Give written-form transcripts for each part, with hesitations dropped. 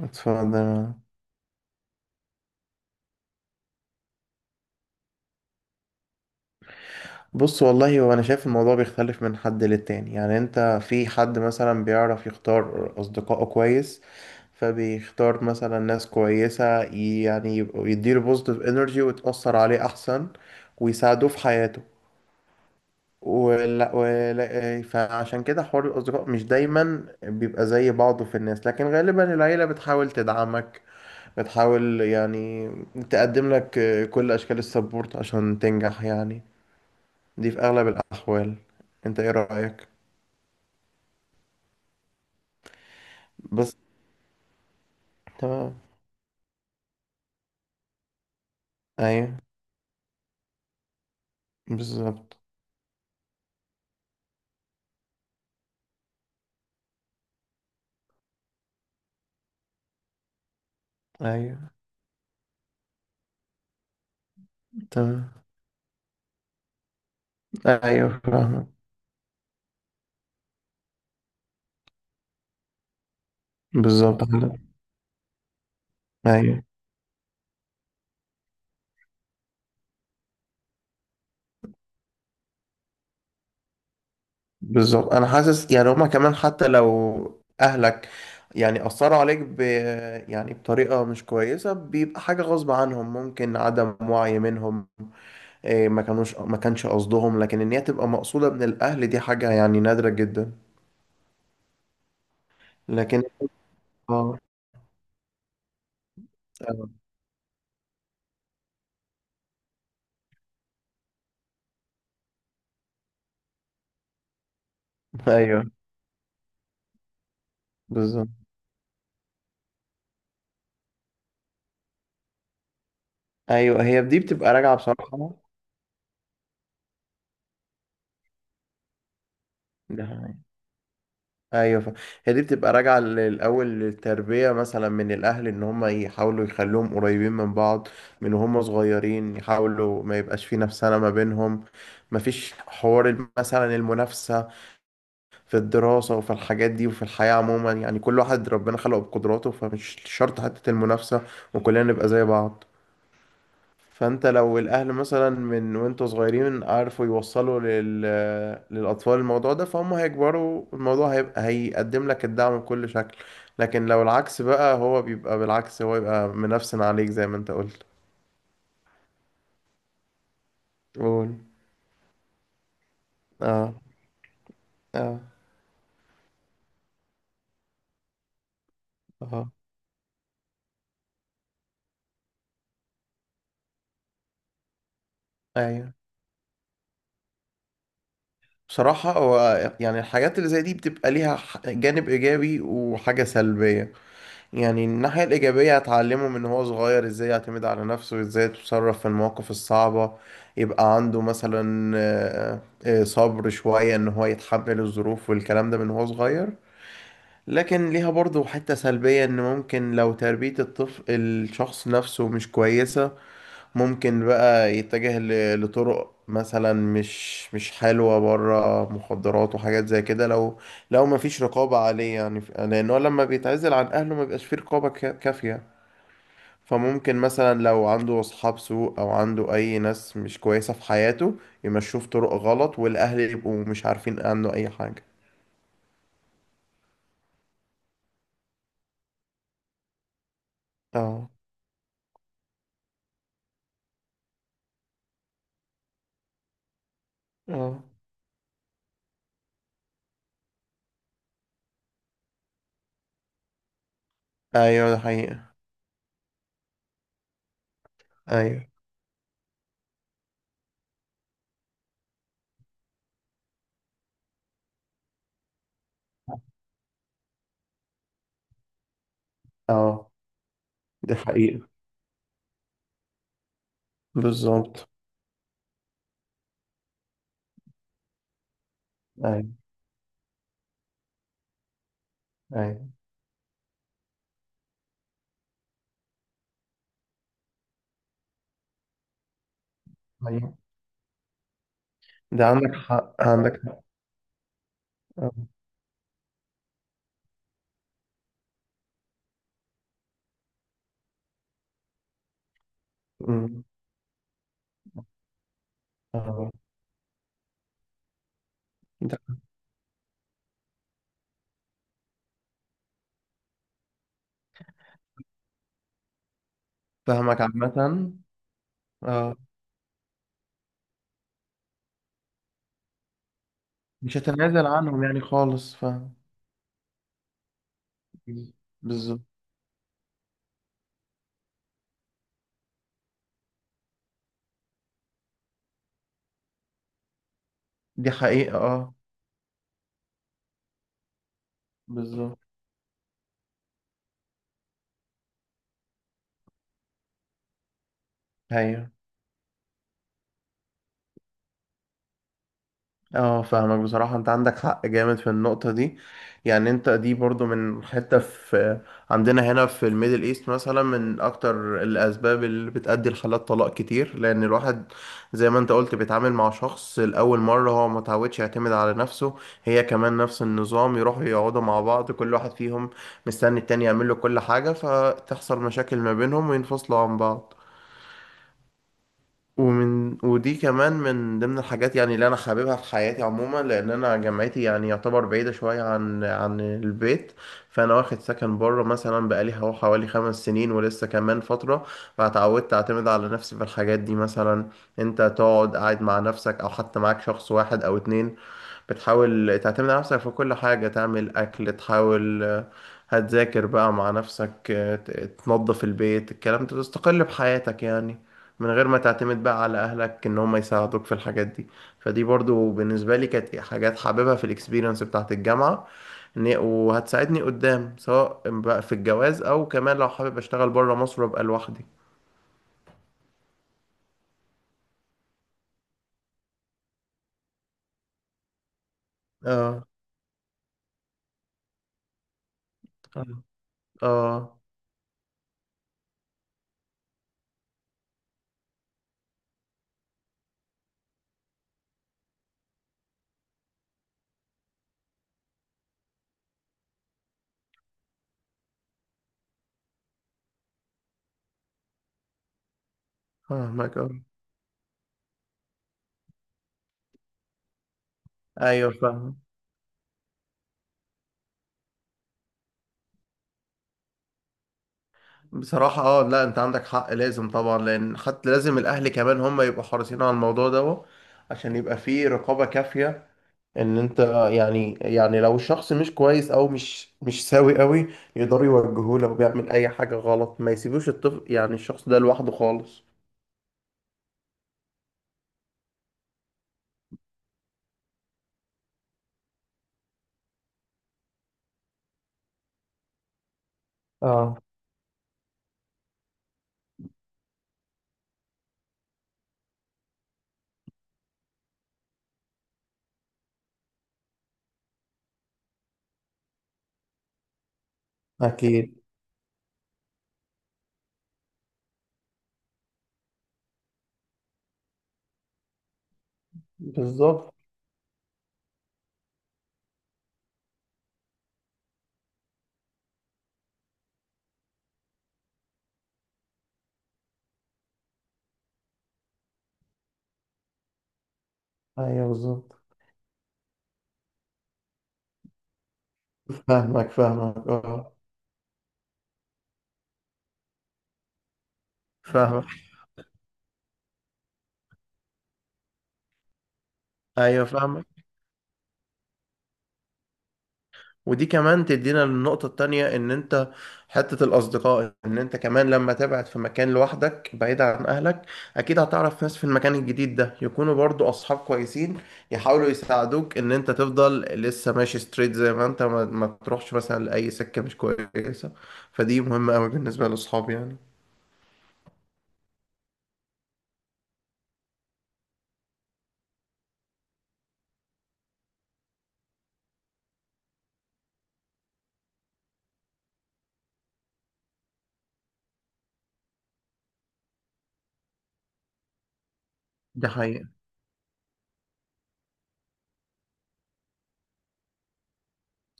اتفضل. بص والله هو انا شايف الموضوع بيختلف من حد للتاني، يعني انت في حد مثلا بيعرف يختار اصدقائه كويس، فبيختار مثلا ناس كويسة، يعني يديله بوزيتيف انرجي وتأثر عليه احسن ويساعدوه في حياته ولا فعشان كده حوار الاصدقاء مش دايما بيبقى زي بعضه في الناس، لكن غالبا العيلة بتحاول تدعمك، بتحاول يعني تقدم لك كل اشكال السبورت عشان تنجح يعني، دي في اغلب الاحوال. انت ايه رايك؟ بس تمام. ايوه. بالظبط. ايوه. تمام. ايوه فاهمك. بالظبط كده. ايوه بالظبط، انا حاسس يعني هما كمان حتى لو اهلك يعني اثروا عليك ب، يعني بطريقه مش كويسه، بيبقى حاجه غصب عنهم، ممكن عدم وعي منهم، إيه ما كانش قصدهم، لكن ان هي تبقى مقصوده من الاهل دي حاجه يعني نادره جدا. لكن اه، آه. ايوه بالظبط. ايوه هي دي بتبقى راجعه بصراحه. ده حقيقي. ايوه هي دي بتبقى راجعه الاول للتربيه مثلا من الاهل، ان هم يحاولوا يخلوهم قريبين من بعض من وهم صغيرين، يحاولوا ما يبقاش في نفسنا ما بينهم، ما فيش حوار مثلا المنافسه في الدراسه وفي الحاجات دي وفي الحياه عموما، يعني كل واحد ربنا خلقه بقدراته، فمش شرط حته المنافسه وكلنا نبقى زي بعض. فانت لو الاهل مثلا من وانتوا صغيرين عارفوا يوصلوا للاطفال الموضوع ده، فهم هيكبروا الموضوع هيبقى هيقدم لك الدعم بكل شكل، لكن لو العكس بقى هو بيبقى بالعكس، هو يبقى منفسن عليك زي ما انت قلت. قول. اه. اه. اه. ايوه. بصراحة هو يعني الحاجات اللي زي دي بتبقى ليها جانب إيجابي وحاجة سلبية. يعني الناحية الإيجابية هتعلمه من هو صغير إزاي يعتمد على نفسه وإزاي يتصرف في المواقف الصعبة، يبقى عنده مثلا صبر شوية، إن هو يتحمل الظروف والكلام ده من هو صغير. لكن ليها برضه حتة سلبية، إن ممكن لو تربية الطفل الشخص نفسه مش كويسة، ممكن بقى يتجه لطرق مثلا مش حلوة، بره مخدرات وحاجات زي كده، لو لو ما فيش رقابة عليه يعني، لأنه لما بيتعزل عن أهله ما بيبقاش فيه رقابة كافية، فممكن مثلا لو عنده أصحاب سوء أو عنده أي ناس مش كويسة في حياته يمشوه في طرق غلط، والأهل يبقوا مش عارفين عنه أي حاجة. اه. اه. أيوه ده حقيقة. أيوه. اه ده حقيقة. بالظبط. أيوه. أيوه. أيوه ده عندك حق، عندك حق. مم. آه. ده فاهمك عامة. آه. مش هتنازل عنهم يعني خالص، فاهم. بالظبط. دي حقيقة اه. بالظبط. ايوه. اه فاهمك بصراحة، انت عندك حق جامد في النقطة دي. يعني انت دي برضو من حتة في، عندنا هنا في الميدل ايست مثلا من اكتر الاسباب اللي بتأدي لحالات طلاق كتير، لان الواحد زي ما انت قلت بيتعامل مع شخص لأول مرة، هو ما تعودش يعتمد على نفسه، هي كمان نفس النظام، يروحوا يقعدوا مع بعض، كل واحد فيهم مستني التاني يعمل له كل حاجة، فتحصل مشاكل ما بينهم وينفصلوا عن بعض. ومن ودي كمان من ضمن الحاجات يعني اللي انا حاببها في حياتي عموما، لان انا جامعتي يعني يعتبر بعيده شويه عن عن البيت، فانا واخد سكن بره مثلا بقالي هو حوالي 5 سنين ولسه كمان فتره، فاتعودت اعتمد على نفسي في الحاجات دي مثلا. انت تقعد قاعد مع نفسك او حتى معاك شخص واحد او اتنين، بتحاول تعتمد على نفسك في كل حاجة، تعمل أكل، تحاول هتذاكر بقى مع نفسك، تنظف البيت، الكلام ده تستقل بحياتك يعني، من غير ما تعتمد بقى على أهلك إن هم يساعدوك في الحاجات دي. فدي برضو بالنسبة لي كانت حاجات حاببها في الإكسبيرينس بتاعت الجامعة، إن وهتساعدني قدام سواء بقى في الجواز أو كمان لو حابب أشتغل بره مصر وأبقى لوحدي. اه. اه. آه، فاهمك اه. أيوه فاهمك. بصراحة اه لا انت عندك حق، لازم طبعا، لان حتى لازم الاهل كمان هم يبقوا حريصين على الموضوع ده عشان يبقى فيه رقابة كافية، ان انت يعني، يعني لو الشخص مش كويس او مش سوي قوي يقدروا يوجهوه، لو بيعمل اي حاجة غلط ما يسيبوش الطفل يعني الشخص ده لوحده خالص. اه. اكيد. بالظبط. ايوه. بالظبط. فاهمك فاهمك اه. فاهمك. ايوه فاهمك. ودي كمان تدينا للنقطة التانية، ان انت حتة الاصدقاء، ان انت كمان لما تبعد في مكان لوحدك بعيد عن اهلك، اكيد هتعرف ناس في المكان الجديد ده يكونوا برضو اصحاب كويسين، يحاولوا يساعدوك ان انت تفضل لسه ماشي ستريت، زي ما انت ما تروحش مثلا لاي سكة مش كويسة، فدي مهمة قوي بالنسبة للاصحاب يعني. ده حقيقة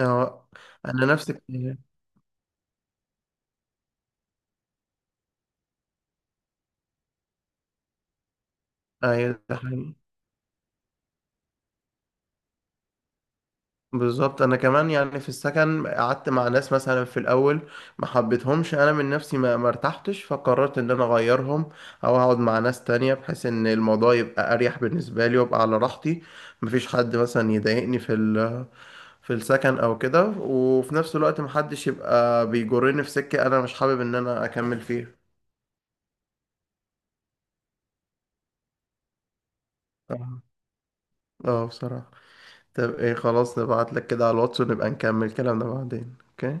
اه. انا نفسك ايوه. ده حقيقة. بالظبط، انا كمان يعني في السكن قعدت مع ناس مثلا في الاول ما حبيتهمش انا من نفسي، ما ارتحتش، فقررت ان انا اغيرهم او اقعد مع ناس تانية بحيث ان الموضوع يبقى اريح بالنسبه لي وابقى على راحتي، مفيش حد مثلا يضايقني في في السكن او كده، وفي نفس الوقت محدش يبقى بيجرني في سكه انا مش حابب ان انا اكمل فيها. اه. آه، بصراحه. طب ايه، خلاص نبعت لك كده على الواتس ونبقى نكمل كلامنا بعدين، اوكي؟